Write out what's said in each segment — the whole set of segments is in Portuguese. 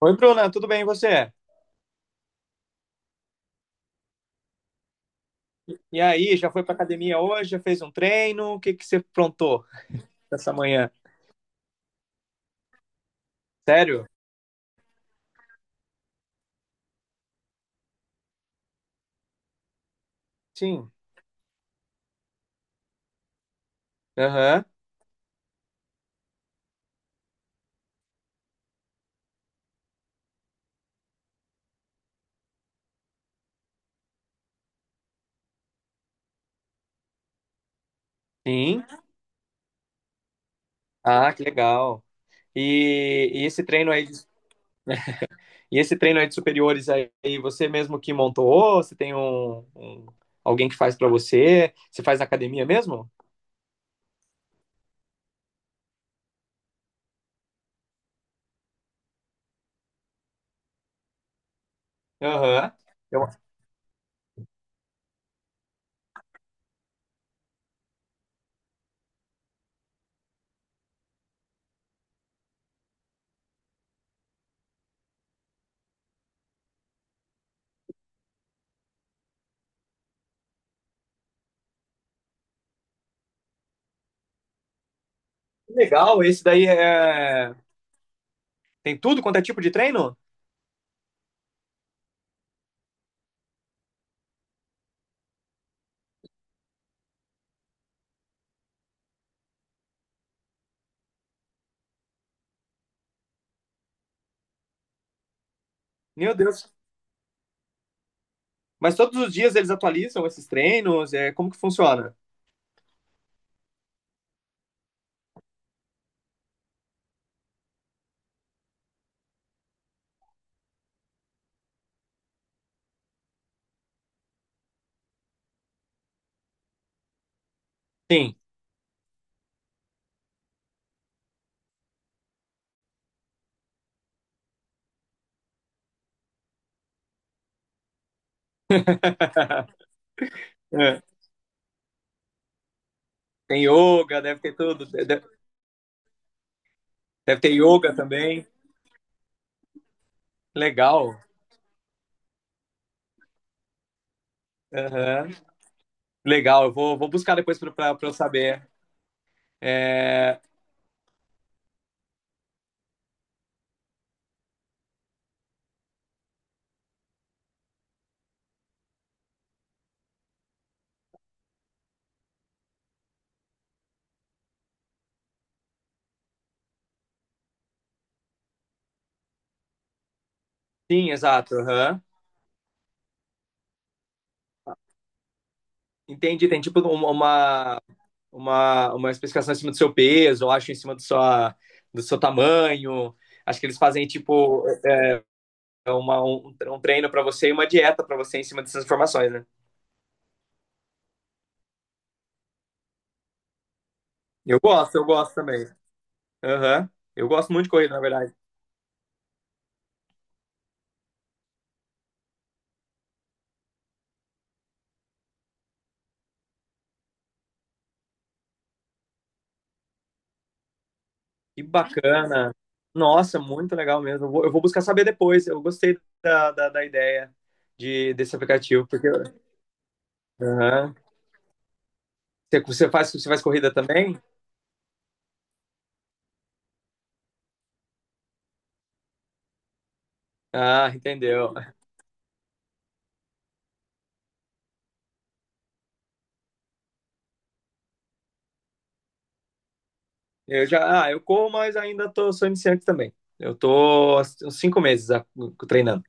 Oi, Bruna, tudo bem e você? E aí, já foi pra academia hoje? Já fez um treino? O que que você aprontou essa manhã? Sério? Sim. Aham. Sim. Ah, que legal. E esse treino aí, e esse treino aí de superiores aí, você mesmo que montou? Você tem alguém que faz pra você? Você faz na academia mesmo? Aham. Eu- Que legal, esse daí é... Tem tudo quanto é tipo de treino? Meu Deus. Mas todos os dias eles atualizam esses treinos? É, como que funciona? Sim. É. Tem yoga, deve ter tudo. Deve, deve ter yoga também. Legal. Aham. Legal, eu vou, vou buscar depois para eu saber. É, sim, exato, aham. Entendi. Tem tipo uma especificação em cima do seu peso, eu acho, em cima do, sua, do seu tamanho. Acho que eles fazem tipo é uma, um treino para você e uma dieta para você em cima dessas informações, né? Eu gosto também. Aham. Eu gosto muito de corrida, na verdade. Que bacana. Nossa, muito legal mesmo. Eu vou buscar saber depois. Eu gostei da ideia de, desse aplicativo, porque... Aham. Você faz corrida também? Ah, entendeu. Eu já, ah, eu corro, mas ainda tô, sou iniciante também. Eu tô há uns 5 meses, treinando.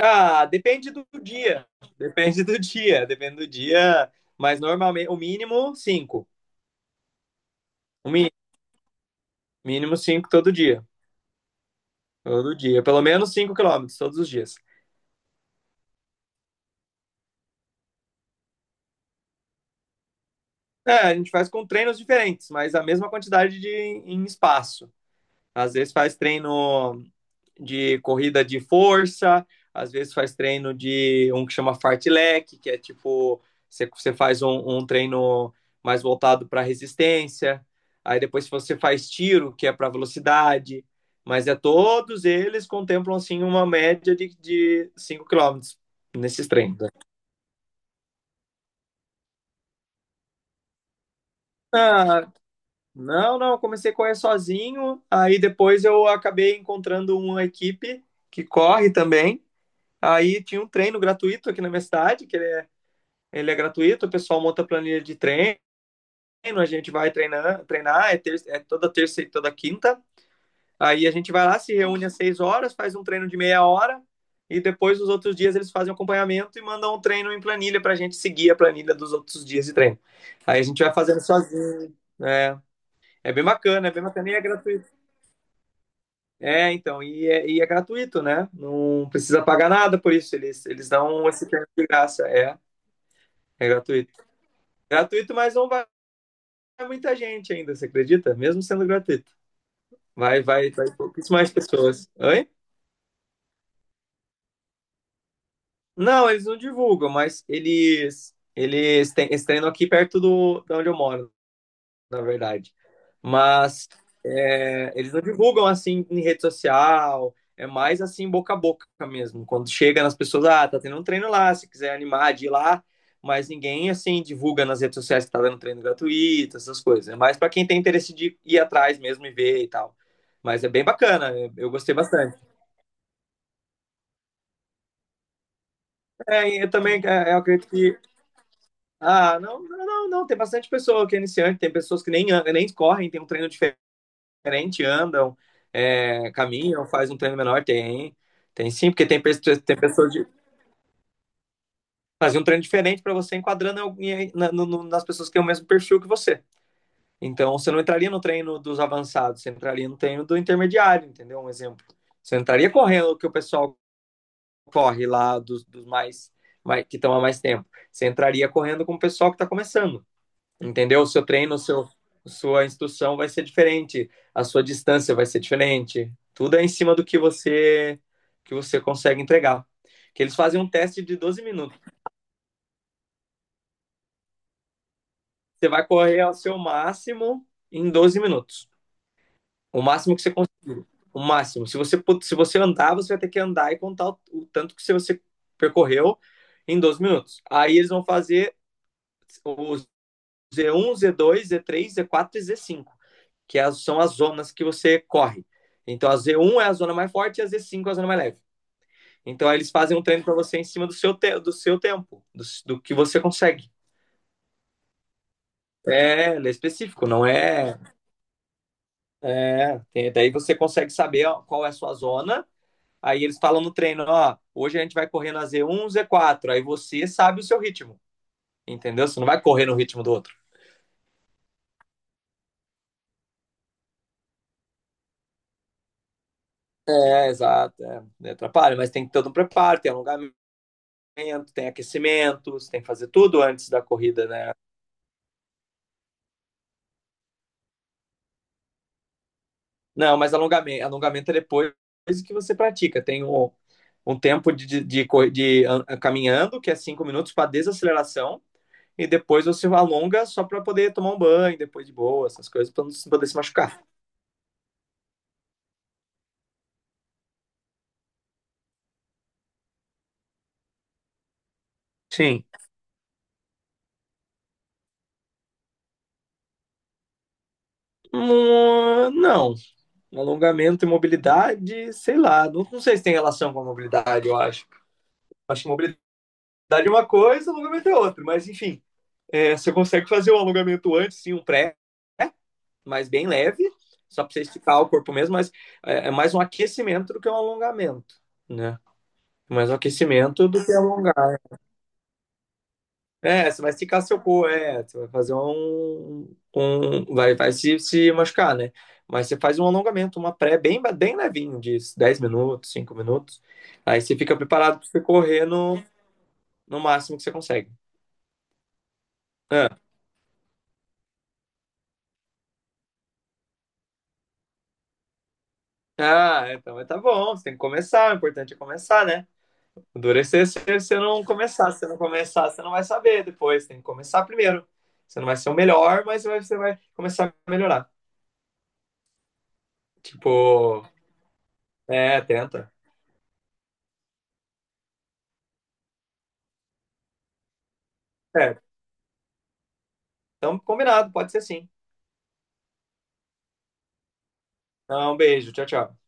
Ah, depende do dia. Depende do dia, depende do dia. Mas normalmente, o mínimo, cinco. O mínimo, mínimo cinco todo dia. Todo dia. Pelo menos 5 quilômetros, todos os dias. É, a gente faz com treinos diferentes, mas a mesma quantidade de em espaço. Às vezes faz treino de corrida de força, às vezes faz treino de um que chama fartlek, que é tipo, você faz um treino mais voltado para resistência. Aí depois você faz tiro, que é para velocidade. Mas é todos eles contemplam assim uma média de 5 km nesses treinos. Ah, não, não, eu comecei a correr sozinho, aí depois eu acabei encontrando uma equipe que corre também. Aí tinha um treino gratuito aqui na minha cidade, que ele é gratuito, o pessoal monta a planilha de treino, a gente vai treinar, treinar é, é toda terça e toda quinta. Aí a gente vai lá, se reúne às 6 horas, faz um treino de meia hora, e depois os outros dias eles fazem acompanhamento e mandam um treino em planilha pra gente seguir a planilha dos outros dias de treino. Aí a gente vai fazendo sozinho. É, é bem bacana e é gratuito. É, então, e é gratuito, né? Não precisa pagar nada por isso. Eles dão esse prêmio de graça. É, é gratuito. Gratuito, mas não vai muita gente ainda, você acredita? Mesmo sendo gratuito. Vai, vai, vai pouquíssimas pessoas. Oi? Não, eles não divulgam, mas eles treinam aqui perto do, de onde eu moro na verdade. Mas é, eles não divulgam assim em rede social, é mais assim boca a boca mesmo. Quando chega nas pessoas, ah, tá tendo um treino lá, se quiser animar de ir lá, mas ninguém assim divulga nas redes sociais que tá dando treino gratuito, essas coisas. É mais para quem tem interesse de ir atrás mesmo e ver e tal. Mas é bem bacana, eu gostei bastante. É, eu também é, eu acredito que... Ah, não, não, não, não, tem bastante pessoa que é iniciante, tem pessoas que nem, nem correm, tem um treino diferente, andam, é, caminham, fazem um treino menor. Tem, tem sim, porque tem, tem pessoas de fazer um treino diferente para você enquadrando nas pessoas que têm o mesmo perfil que você. Então, você não entraria no treino dos avançados, você entraria no treino do intermediário, entendeu? Um exemplo. Você não entraria correndo o que o pessoal corre lá dos mais, mais que estão há mais tempo. Você entraria correndo com o pessoal que está começando. Entendeu? O seu treino, o seu, sua instrução vai ser diferente, a sua distância vai ser diferente. Tudo é em cima do que você consegue entregar. Que eles fazem um teste de 12 minutos. Você vai correr ao seu máximo em 12 minutos. O máximo que você consegue, o máximo. Se você andar, você vai ter que andar e contar o tanto que você percorreu em 12 minutos. Aí eles vão fazer o Z1, Z2, Z3, Z4 e Z5, que as, são as zonas que você corre. Então a Z1 é a zona mais forte e a Z5 é a zona mais leve. Então aí eles fazem um treino para você em cima do seu tempo, do que você consegue. É, ele é específico, não é, é. Daí você consegue saber, ó, qual é a sua zona. Aí eles falam no treino, ó, hoje a gente vai correr na Z1, Z4. Aí você sabe o seu ritmo, entendeu? Você não vai correr no ritmo do outro. É, exato. É, atrapalha, mas tem todo um preparo, tem alongamento, tem aquecimento, você tem que fazer tudo antes da corrida, né? Não, mas alongamento é depois que você pratica. Tem um tempo de, co- de an- caminhando, que é 5 minutos para desaceleração, e depois você alonga só para poder tomar um banho, depois de boa, essas coisas, para poder se machucar. Sim. Hum. Não, alongamento e mobilidade, sei lá, não, não sei se tem relação com a mobilidade, eu acho. Acho que mobilidade é uma coisa, alongamento é outra, mas enfim, é, você consegue fazer um alongamento antes, sim, um pré mas bem leve, só para você esticar o corpo mesmo, mas é mais um aquecimento do que um alongamento, né? Mais um aquecimento do que alongar. É, você vai esticar seu corpo, é, você vai fazer um vai se machucar, né? Mas você faz um alongamento, uma pré bem, bem levinho, de 10 minutos, 5 minutos. Aí você fica preparado para você correr no, no máximo que você consegue. Ah, ah, então tá bom, você tem que começar, o importante é começar, né? Endurecer se você não começar. Se você não começar, você não vai saber depois. Tem que começar primeiro. Você não vai ser o melhor, mas você vai começar a melhorar. Tipo, é, tenta. É, então combinado, pode ser sim. Então, um beijo, tchau, tchau.